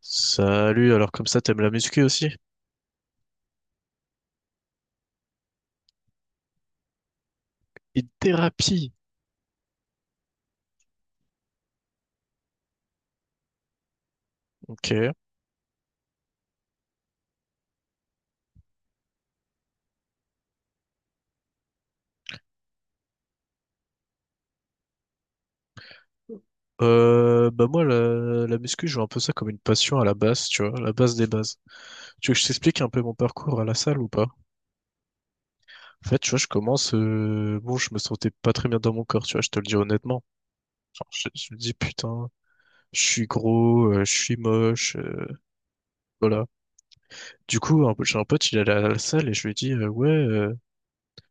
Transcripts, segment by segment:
Salut, alors comme ça, t'aimes la muscu aussi? Une thérapie, ok. Bah moi, la muscu, je vois un peu ça comme une passion à la base, tu vois, la base des bases. Tu veux que je t'explique un peu mon parcours à la salle ou pas? En fait, tu vois, je commence, bon, je me sentais pas très bien dans mon corps, tu vois, je te le dis honnêtement. Genre, je me dis, putain, je suis gros, je suis moche, voilà. Du coup, j'ai un pote, il est à la salle et je lui ai dit, ouais,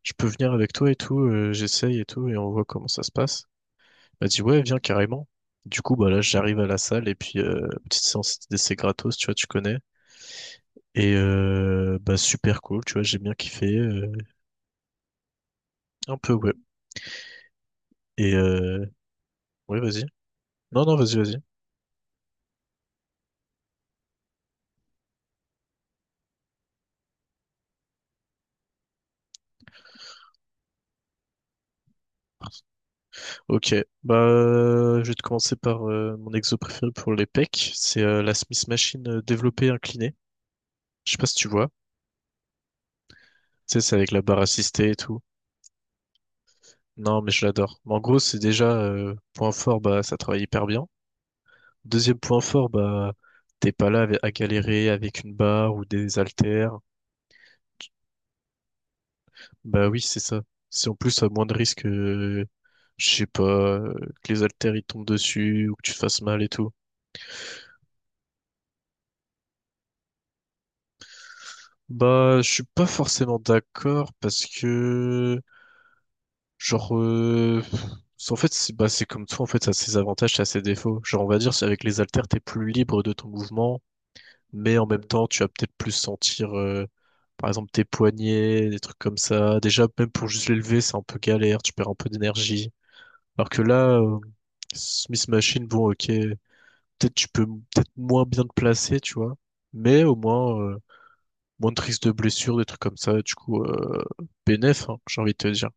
je peux venir avec toi et tout, j'essaye et tout, et on voit comment ça se passe. Elle dit ouais, viens carrément. Du coup, bah là, j'arrive à la salle et puis petite séance d'essai gratos, tu vois, tu connais. Et bah super cool, tu vois, j'ai bien kiffé. Un peu, ouais. Et ouais, vas-y. Non, non, vas-y, vas-y. Ok, bah je vais te commencer par mon exo préféré pour les pecs. C'est la Smith Machine développée inclinée. Je sais pas si tu vois. Tu sais, c'est avec la barre assistée et tout. Non, mais je l'adore. Mais en gros, c'est déjà point fort, bah ça travaille hyper bien. Deuxième point fort, bah, t'es pas là à galérer avec une barre ou des haltères. Bah oui, c'est ça. Si en plus, à moins de risque, je sais pas, que les haltères ils tombent dessus ou que tu fasses mal et tout. Bah, je suis pas forcément d'accord parce que, genre, en fait, c'est bah, c'est comme tout, en fait, ça a ses avantages, ça a ses défauts. Genre, on va dire, c'est avec les haltères, t'es plus libre de ton mouvement. Mais en même temps, tu vas peut-être plus sentir, par exemple, tes poignets, des trucs comme ça. Déjà, même pour juste l'élever, c'est un peu galère, tu perds un peu d'énergie. Alors que là, Smith Machine, bon, ok, peut-être tu peux peut-être moins bien te placer, tu vois, mais au moins, moins de risques de blessures, des trucs comme ça, du coup, bénef, hein, j'ai envie de te dire.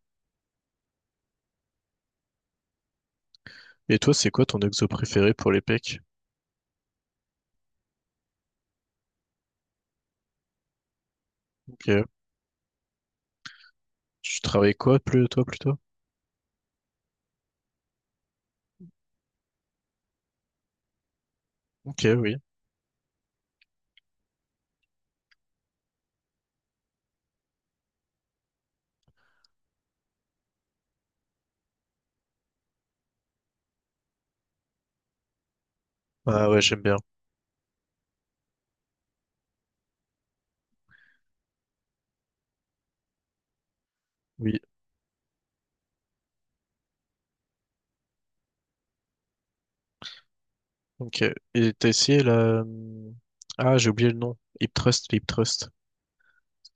Et toi, c'est quoi ton exo préféré pour les pecs? Ok. Tu travailles quoi, plus, toi, plutôt? Ok, oui. Ah ouais, j'aime bien. Oui. Ok. Et t'as essayé la... Ah, j'ai oublié le nom. HipTrust, HipTrust.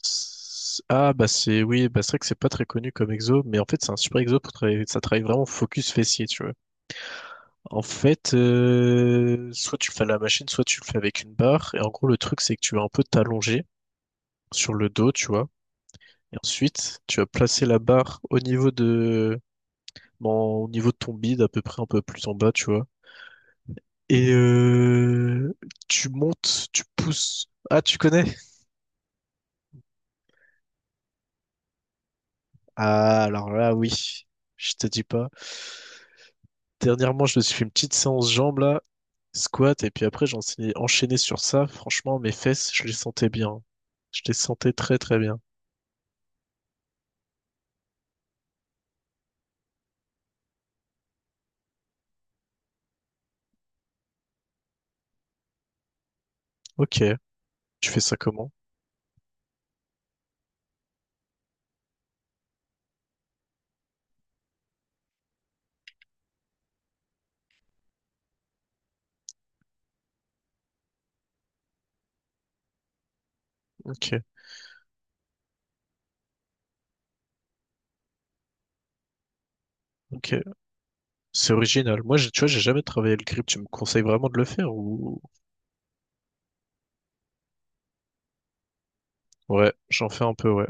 Ah, bah c'est... Oui, bah c'est vrai que c'est pas très connu comme exo, mais en fait, c'est un super exo pour travailler... Ça travaille vraiment focus fessier, tu vois. En fait, soit tu le fais à la machine, soit tu le fais avec une barre. Et en gros, le truc, c'est que tu vas un peu t'allonger sur le dos, tu vois. Et ensuite, tu vas placer la barre au niveau de... Bon, au niveau de ton bide, à peu près un peu plus en bas, tu vois. Et tu montes, tu pousses. Ah, tu connais? Ah, alors là, oui, je te dis pas. Dernièrement, je me suis fait une petite séance jambes là, squat, et puis après, j'en suis enchaîné sur ça. Franchement, mes fesses, je les sentais bien. Je les sentais très très bien. Ok, tu fais ça comment? Ok, ok. C'est original. Moi, tu vois, j'ai jamais travaillé le grip. Tu me conseilles vraiment de le faire ou... Ouais, j'en fais un peu, ouais.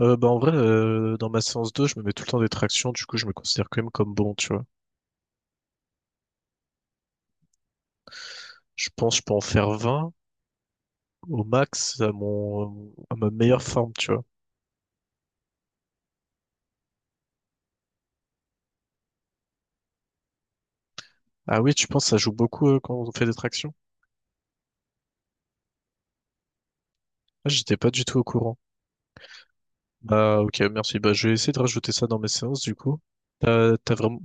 Bah en vrai, dans ma séance 2, je me mets tout le temps des tractions, du coup je me considère quand même comme bon, tu vois. Je pense que je peux en faire 20 au max à ma meilleure forme, tu vois. Ah oui, tu penses que ça joue beaucoup quand on fait des tractions? Ah, j'étais pas du tout au courant. Bah ok, merci. Bah je vais essayer de rajouter ça dans mes séances du coup. T'as vraiment.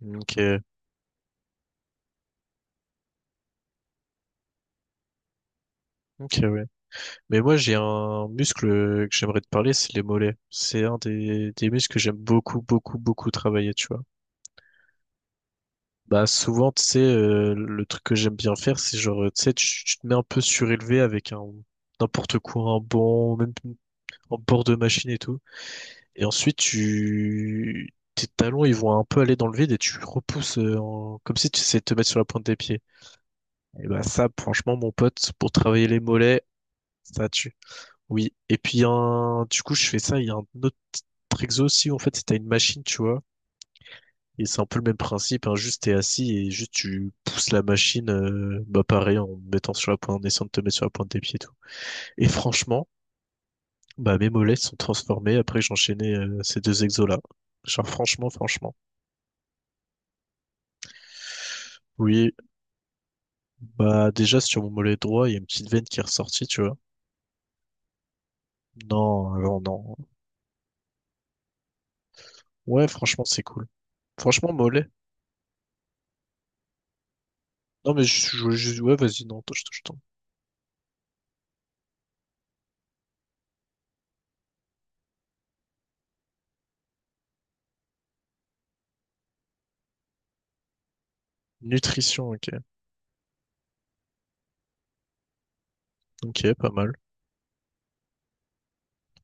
Ok, ok, ouais. Mais moi, j'ai un muscle que j'aimerais te parler, c'est les mollets. C'est un des muscles que j'aime beaucoup, beaucoup, beaucoup travailler, tu vois. Bah souvent, tu sais, le truc que j'aime bien faire, c'est genre, tu sais, tu te mets un peu surélevé avec un n'importe quoi, un banc, même en bord de machine et tout. Et ensuite, tu tes talons, ils vont un peu aller dans le vide et tu repousses comme si tu essayais de te mettre sur la pointe des pieds. Et bah ça, franchement, mon pote, pour travailler les mollets, ça tue. Oui. Et puis du coup, je fais ça. Il y a un autre exo aussi. En fait, c'est t'as une machine, tu vois. Et c'est un peu le même principe, hein, juste t'es assis et juste tu pousses la machine, bah pareil, en mettant sur la pointe, en essayant de te mettre sur la pointe des pieds et tout. Et franchement, bah mes mollets se sont transformés après que j'enchaînais ces deux exos-là. Genre franchement, franchement. Oui, bah déjà sur mon mollet droit, il y a une petite veine qui est ressortie, tu vois. Non, non, non. Ouais, franchement, c'est cool. Franchement, mollet. Non, mais ouais, vas-y, non, je t'en. Nutrition, ok. Ok, pas mal.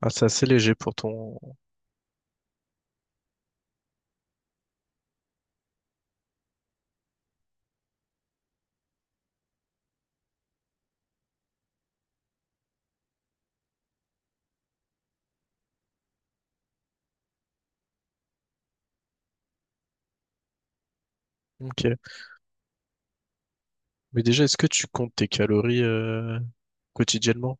Ah, c'est assez léger pour ton... Ok. Mais déjà, est-ce que tu comptes tes calories quotidiennement?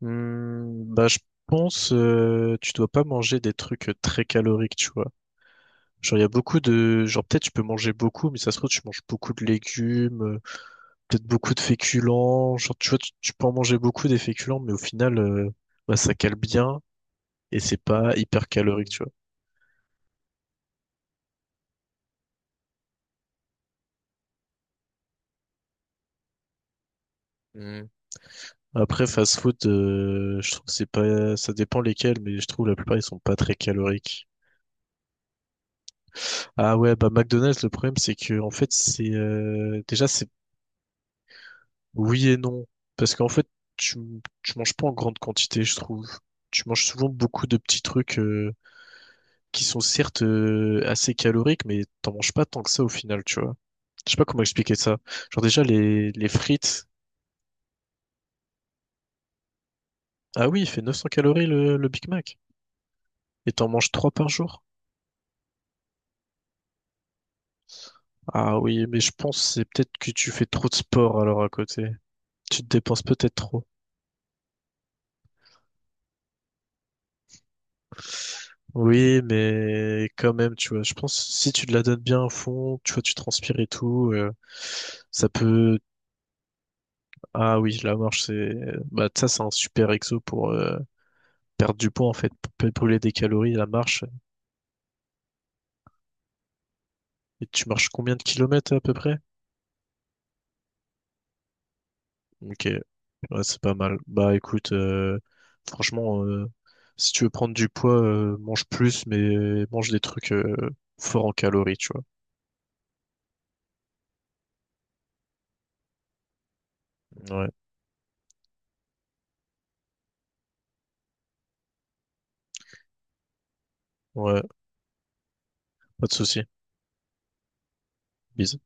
Bah, je pense tu dois pas manger des trucs très caloriques, tu vois. Genre, il y a beaucoup de... Genre, peut-être tu peux manger beaucoup, mais ça se trouve, tu manges beaucoup de légumes, peut-être beaucoup de féculents. Genre, tu vois, tu peux en manger beaucoup des féculents, mais au final, bah, ça cale bien et c'est pas hyper calorique, tu vois. Après, fast-food, je trouve que c'est pas... Ça dépend lesquels, mais je trouve la plupart, ils sont pas très caloriques. Ah ouais, bah McDonald's, le problème c'est que en fait c'est déjà c'est oui et non parce qu'en fait tu tu manges pas en grande quantité, je trouve. Tu manges souvent beaucoup de petits trucs qui sont certes assez caloriques, mais t'en manges pas tant que ça au final, tu vois. Je sais pas comment expliquer ça. Genre déjà les frites, ah oui, il fait 900 calories le Big Mac et t'en manges 3 par jour. Ah oui, mais je pense que c'est peut-être que tu fais trop de sport alors à côté. Tu te dépenses peut-être trop. Oui, mais quand même, tu vois, je pense si tu te la donnes bien à fond, tu vois, tu transpires et tout, ça peut. Ah oui, la marche, c'est. Bah, ça, c'est un super exo pour perdre du poids, en fait, pour peut brûler des calories, la marche. Et tu marches combien de kilomètres à peu près? Ok, ouais, c'est pas mal. Bah, écoute, franchement, si tu veux prendre du poids, mange plus, mais mange des trucs forts en calories, tu vois. Ouais, ouais, pas de souci. Bisous.